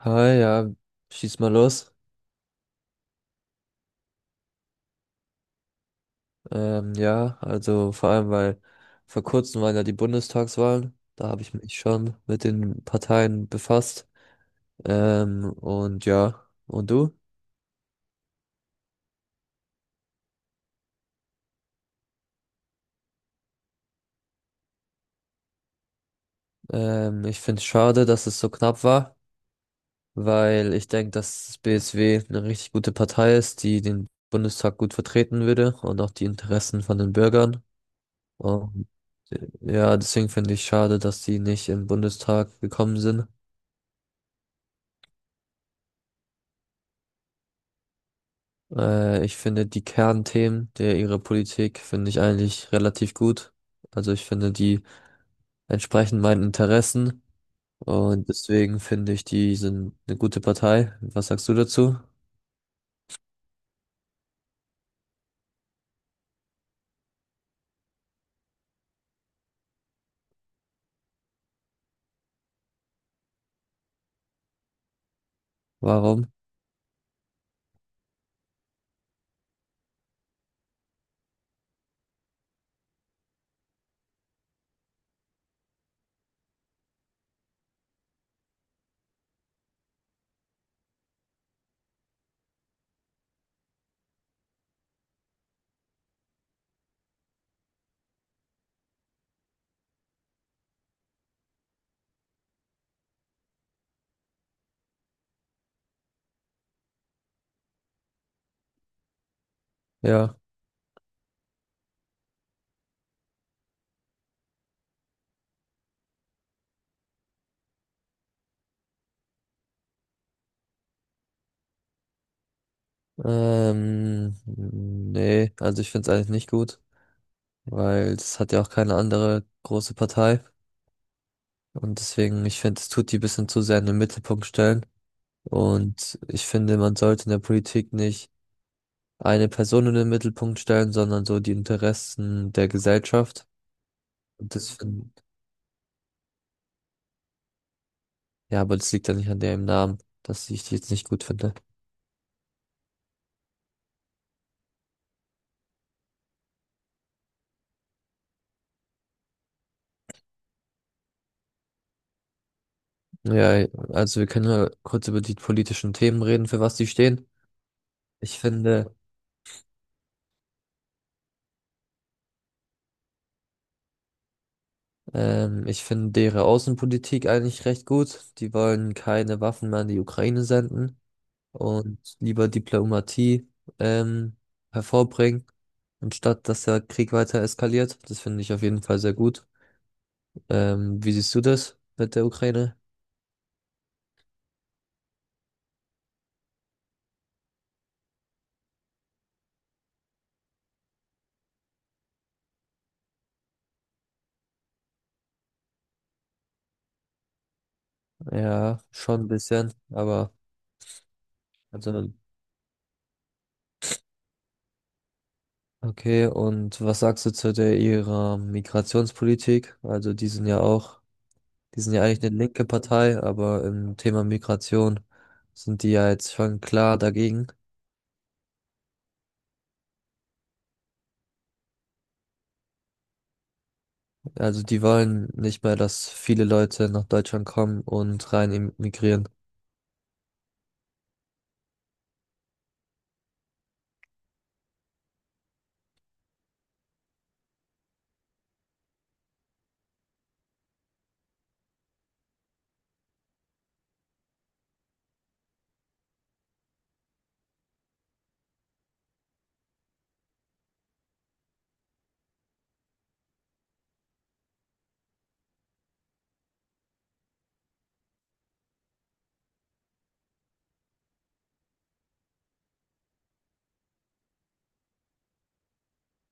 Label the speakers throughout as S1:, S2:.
S1: Hi, ja, schieß mal los. Ja, also vor allem, weil vor kurzem waren ja die Bundestagswahlen. Da habe ich mich schon mit den Parteien befasst. Und ja, und du? Ich finde es schade, dass es so knapp war, weil ich denke, dass das BSW eine richtig gute Partei ist, die den Bundestag gut vertreten würde und auch die Interessen von den Bürgern. Und ja, deswegen finde ich schade, dass die nicht im Bundestag gekommen sind. Ich finde die Kernthemen der ihrer Politik finde ich eigentlich relativ gut. Also ich finde die entsprechen meinen Interessen und deswegen finde ich die sind eine gute Partei. Was sagst du dazu? Warum? Ja. Nee, also ich finde es eigentlich nicht gut, weil es hat ja auch keine andere große Partei und deswegen ich finde es tut die bisschen zu sehr in den Mittelpunkt stellen und ich finde man sollte in der Politik nicht eine Person in den Mittelpunkt stellen, sondern so die Interessen der Gesellschaft. Und das finde, ja, aber das liegt ja nicht an dem Namen, dass ich die jetzt nicht gut finde. Ja, also wir können ja kurz über die politischen Themen reden, für was die stehen. Ich finde, ich finde deren Außenpolitik eigentlich recht gut. Die wollen keine Waffen mehr an die Ukraine senden und lieber Diplomatie, ähm, hervorbringen, anstatt dass der Krieg weiter eskaliert. Das finde ich auf jeden Fall sehr gut. Wie siehst du das mit der Ukraine? Ja, schon ein bisschen, aber also okay. Und was sagst du zu der ihrer Migrationspolitik? Also die sind ja auch, die sind ja eigentlich eine linke Partei, aber im Thema Migration sind die ja jetzt schon klar dagegen. Also die wollen nicht mehr, dass viele Leute nach Deutschland kommen und rein immigrieren.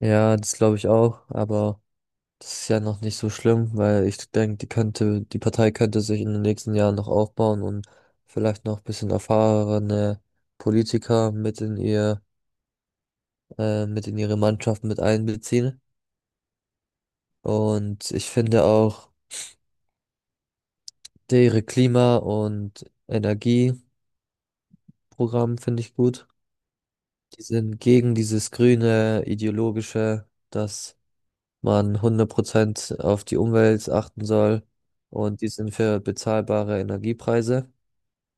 S1: Ja, das glaube ich auch, aber das ist ja noch nicht so schlimm, weil ich denke, die könnte, die Partei könnte sich in den nächsten Jahren noch aufbauen und vielleicht noch ein bisschen erfahrene Politiker mit in ihr, mit in ihre Mannschaft mit einbeziehen. Und ich finde auch ihre Klima- und Energieprogramm finde ich gut. Die sind gegen dieses grüne ideologische, dass man 100% auf die Umwelt achten soll. Und die sind für bezahlbare Energiepreise.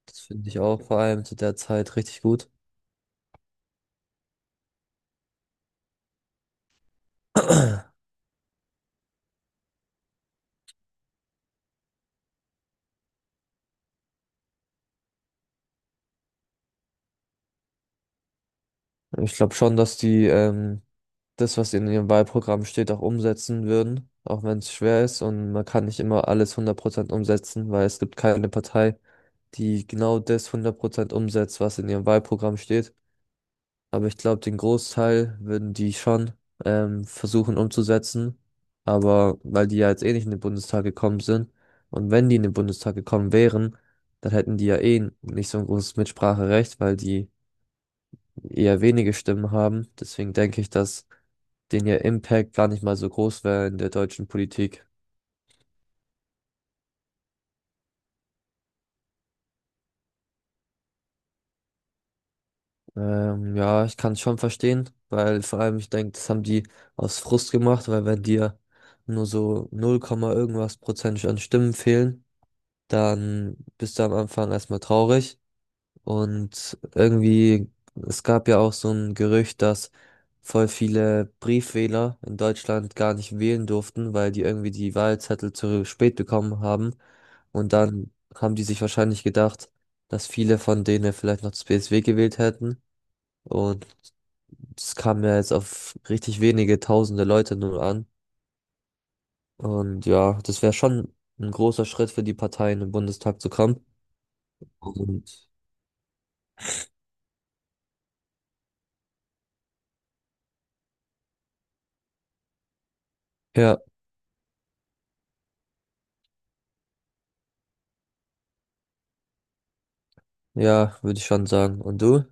S1: Das finde ich auch vor allem zu der Zeit richtig gut. Ich glaube schon, dass die das, was in ihrem Wahlprogramm steht, auch umsetzen würden, auch wenn es schwer ist und man kann nicht immer alles 100% umsetzen, weil es gibt keine Partei, die genau das 100% umsetzt, was in ihrem Wahlprogramm steht. Aber ich glaube, den Großteil würden die schon versuchen umzusetzen, aber weil die ja jetzt eh nicht in den Bundestag gekommen sind und wenn die in den Bundestag gekommen wären, dann hätten die ja eh nicht so ein großes Mitspracherecht, weil die eher wenige Stimmen haben. Deswegen denke ich, dass den ihr Impact gar nicht mal so groß wäre in der deutschen Politik. Ja, ich kann es schon verstehen, weil vor allem ich denke, das haben die aus Frust gemacht, weil wenn dir nur so 0, Komma irgendwas Prozent an Stimmen fehlen, dann bist du am Anfang erstmal traurig. Und irgendwie, es gab ja auch so ein Gerücht, dass voll viele Briefwähler in Deutschland gar nicht wählen durften, weil die irgendwie die Wahlzettel zu spät bekommen haben. Und dann haben die sich wahrscheinlich gedacht, dass viele von denen vielleicht noch das BSW gewählt hätten. Und es kam ja jetzt auf richtig wenige tausende Leute nur an. Und ja, das wäre schon ein großer Schritt für die Parteien im Bundestag zu kommen. Und ja, ja, würde ich schon sagen. Und du?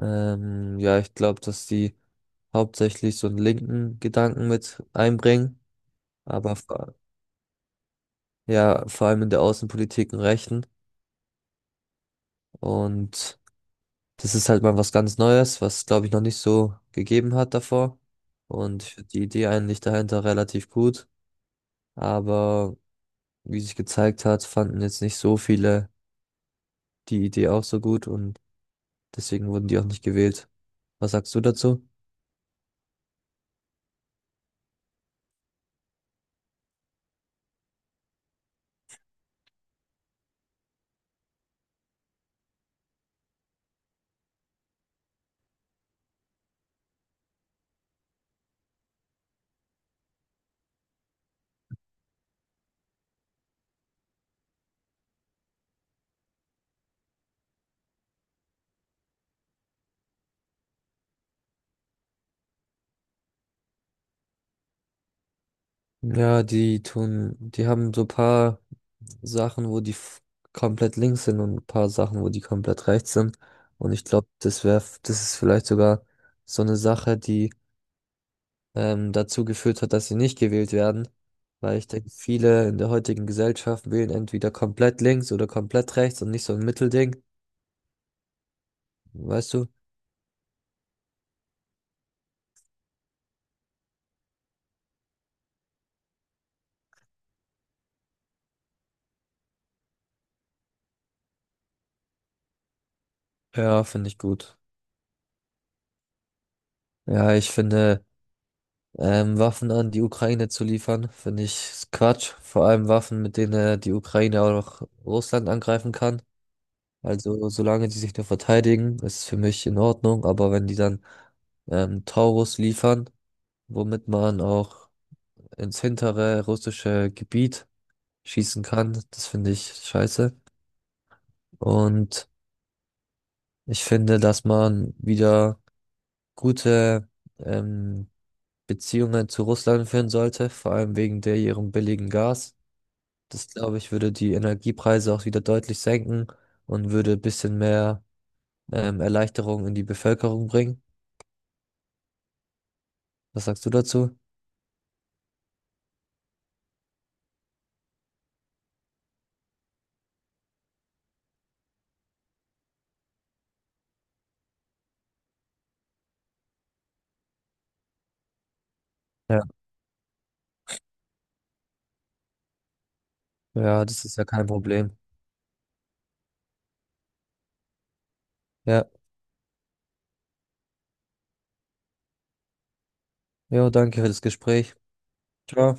S1: Ja, ich glaube, dass die hauptsächlich so einen linken Gedanken mit einbringen, aber ja, vor allem in der Außenpolitik einen rechten. Und das ist halt mal was ganz Neues, was, glaube ich, noch nicht so gegeben hat davor. Und ich find die Idee eigentlich dahinter relativ gut. Aber wie sich gezeigt hat, fanden jetzt nicht so viele die Idee auch so gut und deswegen wurden die auch nicht gewählt. Was sagst du dazu? Ja, die tun, die haben so paar Sachen, wo die komplett links sind und ein paar Sachen, wo die komplett rechts sind. Und ich glaube, das wäre, das ist vielleicht sogar so eine Sache, die dazu geführt hat, dass sie nicht gewählt werden. Weil ich denke, viele in der heutigen Gesellschaft wählen entweder komplett links oder komplett rechts und nicht so ein Mittelding. Weißt du? Ja, finde ich gut. Ja, ich finde. Waffen an die Ukraine zu liefern, finde ich Quatsch. Vor allem Waffen, mit denen er die Ukraine auch noch Russland angreifen kann. Also solange die sich nur verteidigen, ist es für mich in Ordnung. Aber wenn die dann Taurus liefern, womit man auch ins hintere russische Gebiet schießen kann, das finde ich scheiße. Und ich finde, dass man wieder gute ähm, Beziehungen zu Russland führen sollte, vor allem wegen der ihrem billigen Gas. Das glaube ich, würde die Energiepreise auch wieder deutlich senken und würde ein bisschen mehr Erleichterung in die Bevölkerung bringen. Was sagst du dazu? Ja. Ja, das ist ja kein Problem. Ja, jo, danke für das Gespräch. Ciao.